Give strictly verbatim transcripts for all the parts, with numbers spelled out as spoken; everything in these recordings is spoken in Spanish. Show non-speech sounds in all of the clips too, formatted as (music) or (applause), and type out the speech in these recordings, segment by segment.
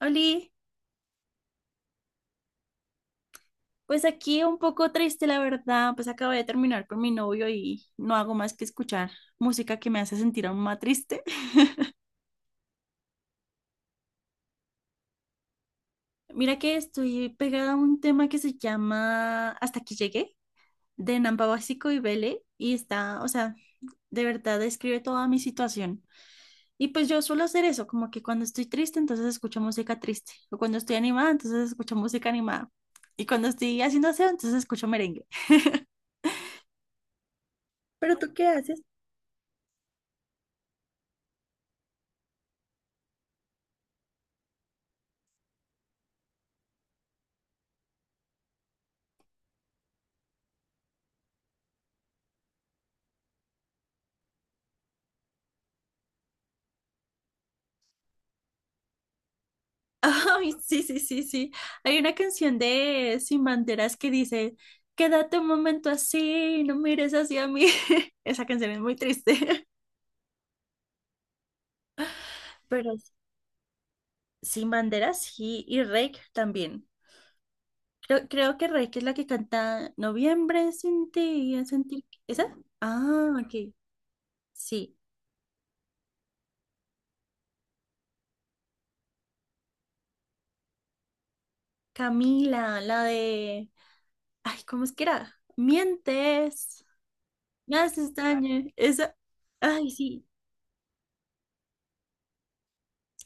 Oli, pues aquí un poco triste, la verdad, pues acabo de terminar con mi novio y no hago más que escuchar música que me hace sentir aún más triste. (laughs) Mira que estoy pegada a un tema que se llama Hasta aquí llegué, de Nampa Básico y Vele, y está, o sea, de verdad describe toda mi situación. Y pues yo suelo hacer eso, como que cuando estoy triste, entonces escucho música triste, o cuando estoy animada, entonces escucho música animada, y cuando estoy haciendo aseo, entonces escucho merengue. (laughs) ¿Pero tú qué haces? Ay, sí, sí, sí, sí. Hay una canción de Sin Banderas que dice, quédate un momento así, no mires hacia mí. (laughs) Esa canción es muy triste. (laughs) Pero Sin Banderas sí, y Reik también. Creo, creo que Reik es la que canta Noviembre sin ti, ya sentí. ¿Esa? Ah, ok. Sí. Camila, la de. Ay, ¿cómo es que era? Mientes, me haces daño. Esa. Ay, sí.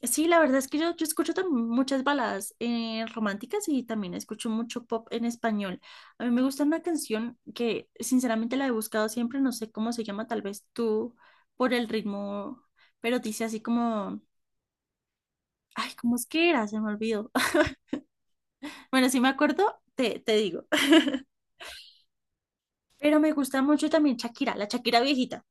Sí, la verdad es que yo, yo escucho también muchas baladas eh, románticas, y también escucho mucho pop en español. A mí me gusta una canción que sinceramente la he buscado siempre, no sé cómo se llama, tal vez tú por el ritmo, pero dice así como, ay, ¿cómo es que era? Se me olvidó. (laughs) Bueno, si me acuerdo, te, te digo. Pero me gusta mucho también Shakira, la Shakira viejita.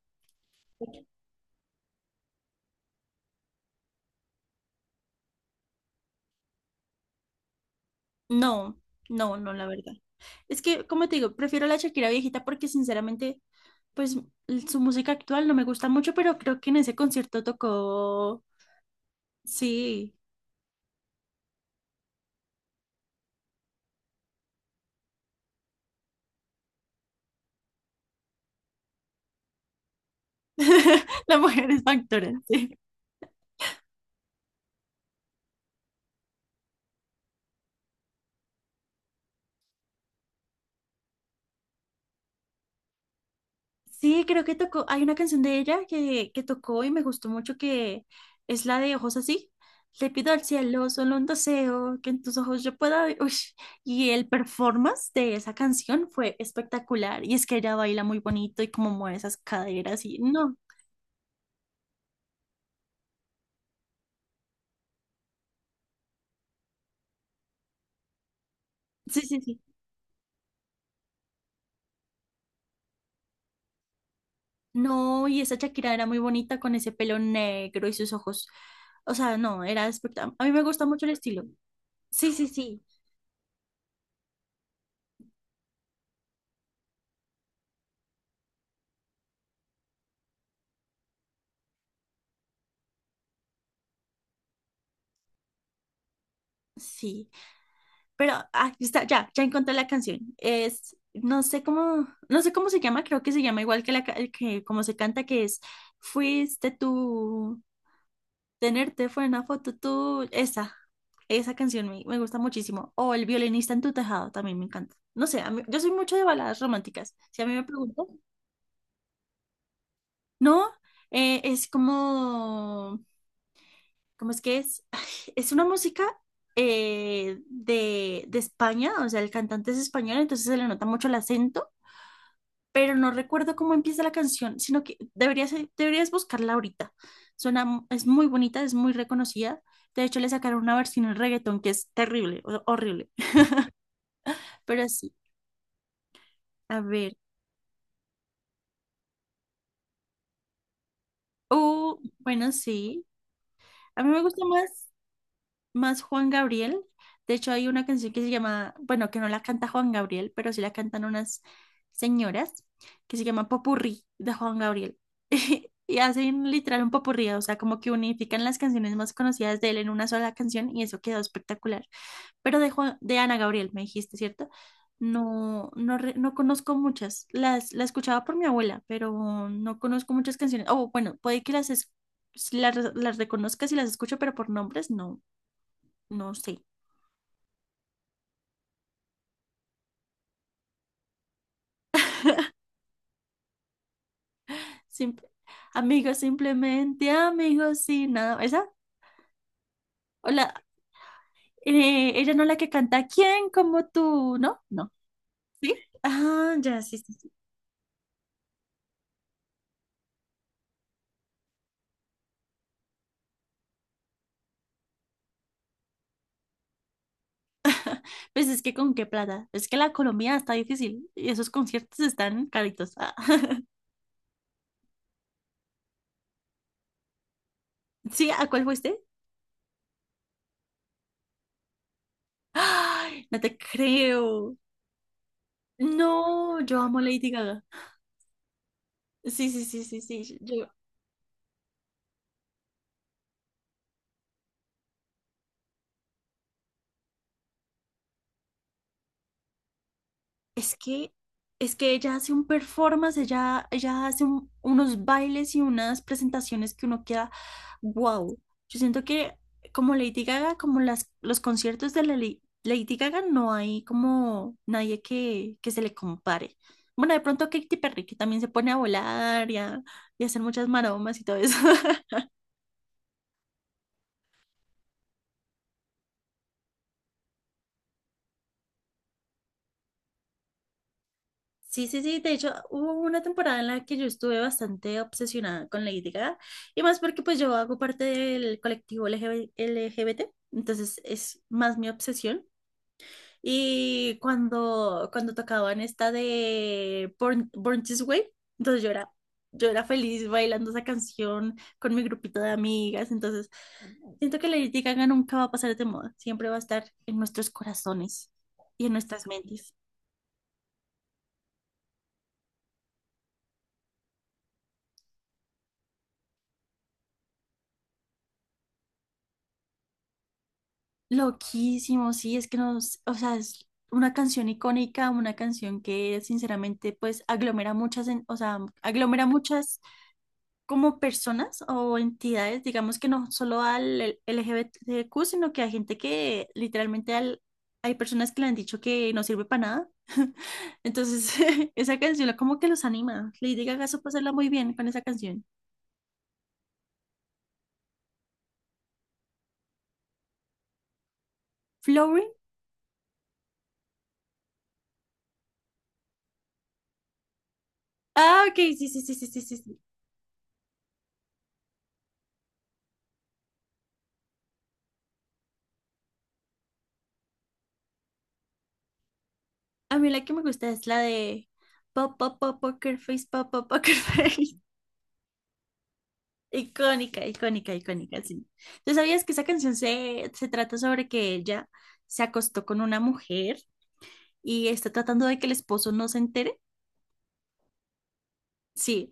No, no, no, la verdad. Es que, como te digo, prefiero la Shakira viejita porque sinceramente, pues l- su música actual no me gusta mucho, pero creo que en ese concierto tocó, sí. (laughs) La Mujer es Factora, sí. Sí, creo que tocó, hay una canción de ella que, que tocó y me gustó mucho, que es la de Ojos así. Le pido al cielo solo un deseo, que en tus ojos yo pueda ver. Uy. Y el performance de esa canción fue espectacular. Y es que ella baila muy bonito y como mueve esas caderas y no. Sí, sí, sí. No, y esa Shakira era muy bonita con ese pelo negro y sus ojos. O sea, no, era espectacular. A mí me gusta mucho el estilo. Sí, sí, sí. Sí, pero ah, está, ya, ya encontré la canción. Es, no sé cómo, no sé cómo se llama, creo que se llama igual que la ca- que como se canta, que es Fuiste tú, tenerte fue una foto tú. Esa, esa canción me, me gusta muchísimo. O El violinista en tu tejado también me encanta. No sé, a mí- yo soy mucho de baladas románticas. Si a mí me preguntan. No, eh, es como, ¿cómo es que es? (sighs) Es una música eh, de, de España, o sea, el cantante es español, entonces se le nota mucho el acento, pero no recuerdo cómo empieza la canción, sino que deberías, deberías buscarla ahorita. Suena, mu- es muy bonita, es muy reconocida. De hecho, le sacaron una versión en reggaetón que es terrible, o- horrible. (laughs) Pero sí, a ver. Oh, bueno, sí. A mí me gusta más. más Juan Gabriel. De hecho, hay una canción que se llama, bueno, que no la canta Juan Gabriel, pero sí la cantan unas señoras, que se llama Popurrí de Juan Gabriel. (laughs) Y hacen literal un popurrí, o sea, como que unifican las canciones más conocidas de él en una sola canción, y eso quedó espectacular. Pero de Juan- de Ana Gabriel, me dijiste, ¿cierto? No, no, re- no conozco muchas. Las, la escuchaba por mi abuela, pero no conozco muchas canciones. Oh, bueno, puede que las, es- las, las reconozca si las escucho, pero por nombres no. No sé. Simple- amigos, simplemente amigos y nada. ¿Esa? Hola. eh, ella no, la que canta ¿Quién como tú? ¿No? No. ¿Sí? Ah, ya, sí, sí, sí. Pues es que con qué plata. Es que la Colombia está difícil y esos conciertos están caritos. Ah. (laughs) ¿Sí? ¿A cuál fuiste? ¡Ay! No te creo. No, yo amo Lady Gaga. Sí, sí, sí, sí, sí. Yo. Es que, es que ella hace un performance, ella, ella hace un- unos bailes y unas presentaciones que uno queda, wow. Yo siento que como Lady Gaga, como las, los conciertos de la Lady, Lady Gaga, no hay como nadie que, que se le compare. Bueno, de pronto Katy Perry, que también se pone a volar y a, y a hacer muchas maromas y todo eso. (laughs) Sí, sí, sí. De hecho, hubo una temporada en la que yo estuve bastante obsesionada con Lady Gaga. Y más porque pues yo hago parte del colectivo L G B- L G B T. Entonces es más mi obsesión. Y cuando, cuando tocaban esta de Born, Born This Way, entonces yo era, yo era feliz bailando esa canción con mi grupito de amigas. Entonces siento que Lady Gaga nunca va a pasar de moda. Siempre va a estar en nuestros corazones y en nuestras mentes. Loquísimo, sí, es que nos, o sea, es una canción icónica, una canción que sinceramente pues aglomera muchas, en- o sea, aglomera muchas como personas o entidades, digamos que no solo al L- LGBTQ, sino que a gente que literalmente al- hay personas que le han dicho que no sirve para nada. (laughs) Entonces, (laughs) esa canción como que los anima. Lady Gaga supo hacerla muy bien con esa canción. Flowering. Ah, ok, sí, sí, sí, sí, sí, sí. A mí la que me gusta es la de Pop, Pop, Pop, Poker Face, Pop, Pop, Poker Face. (laughs) Icónica, icónica, icónica, sí. ¿Tú sabías que esa canción se, se trata sobre que ella se acostó con una mujer y está tratando de que el esposo no se entere? Sí,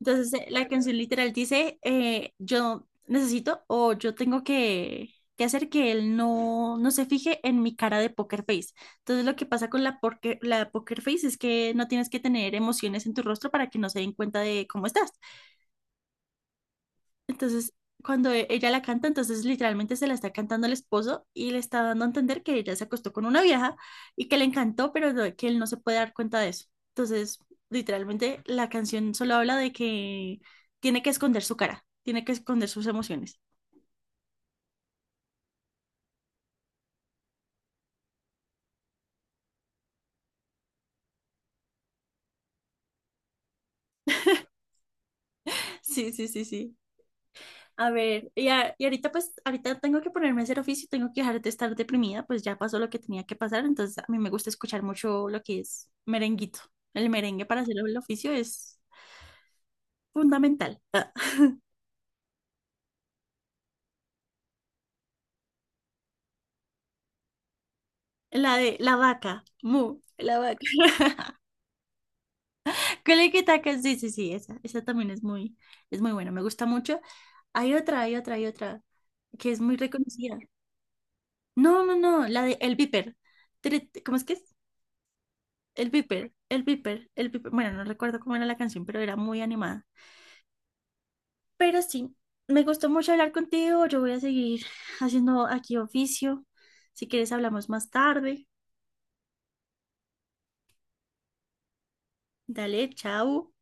entonces eh, la canción literal dice, eh, yo necesito, o yo tengo que, que hacer que él no, no se fije en mi cara de poker face. Entonces lo que pasa con la, porque, la poker face es que no tienes que tener emociones en tu rostro para que no se den cuenta de cómo estás. Entonces, cuando e- ella la canta, entonces literalmente se la está cantando el esposo, y le está dando a entender que ella se acostó con una vieja y que le encantó, pero no- que él no se puede dar cuenta de eso. Entonces, literalmente la canción solo habla de que tiene que esconder su cara, tiene que esconder sus emociones. Sí, sí, sí, sí. A ver, y, a- y ahorita pues, ahorita tengo que ponerme a hacer oficio, tengo que dejar de estar deprimida, pues ya pasó lo que tenía que pasar, entonces a mí me gusta escuchar mucho lo que es merenguito. El merengue para hacer el oficio es fundamental. La de la vaca, mu, la vaca. (laughs) Que taca, sí, sí, sí, esa, esa también es muy, es muy buena, me gusta mucho. Hay otra, hay otra, hay otra, que es muy reconocida. No, no, no, la de El Viper. Tere- ¿Cómo es que es? El Viper, El Viper, El Viper. Bueno, no recuerdo cómo era la canción, pero era muy animada. Pero sí, me gustó mucho hablar contigo, yo voy a seguir haciendo aquí oficio. Si quieres hablamos más tarde. Dale, chao.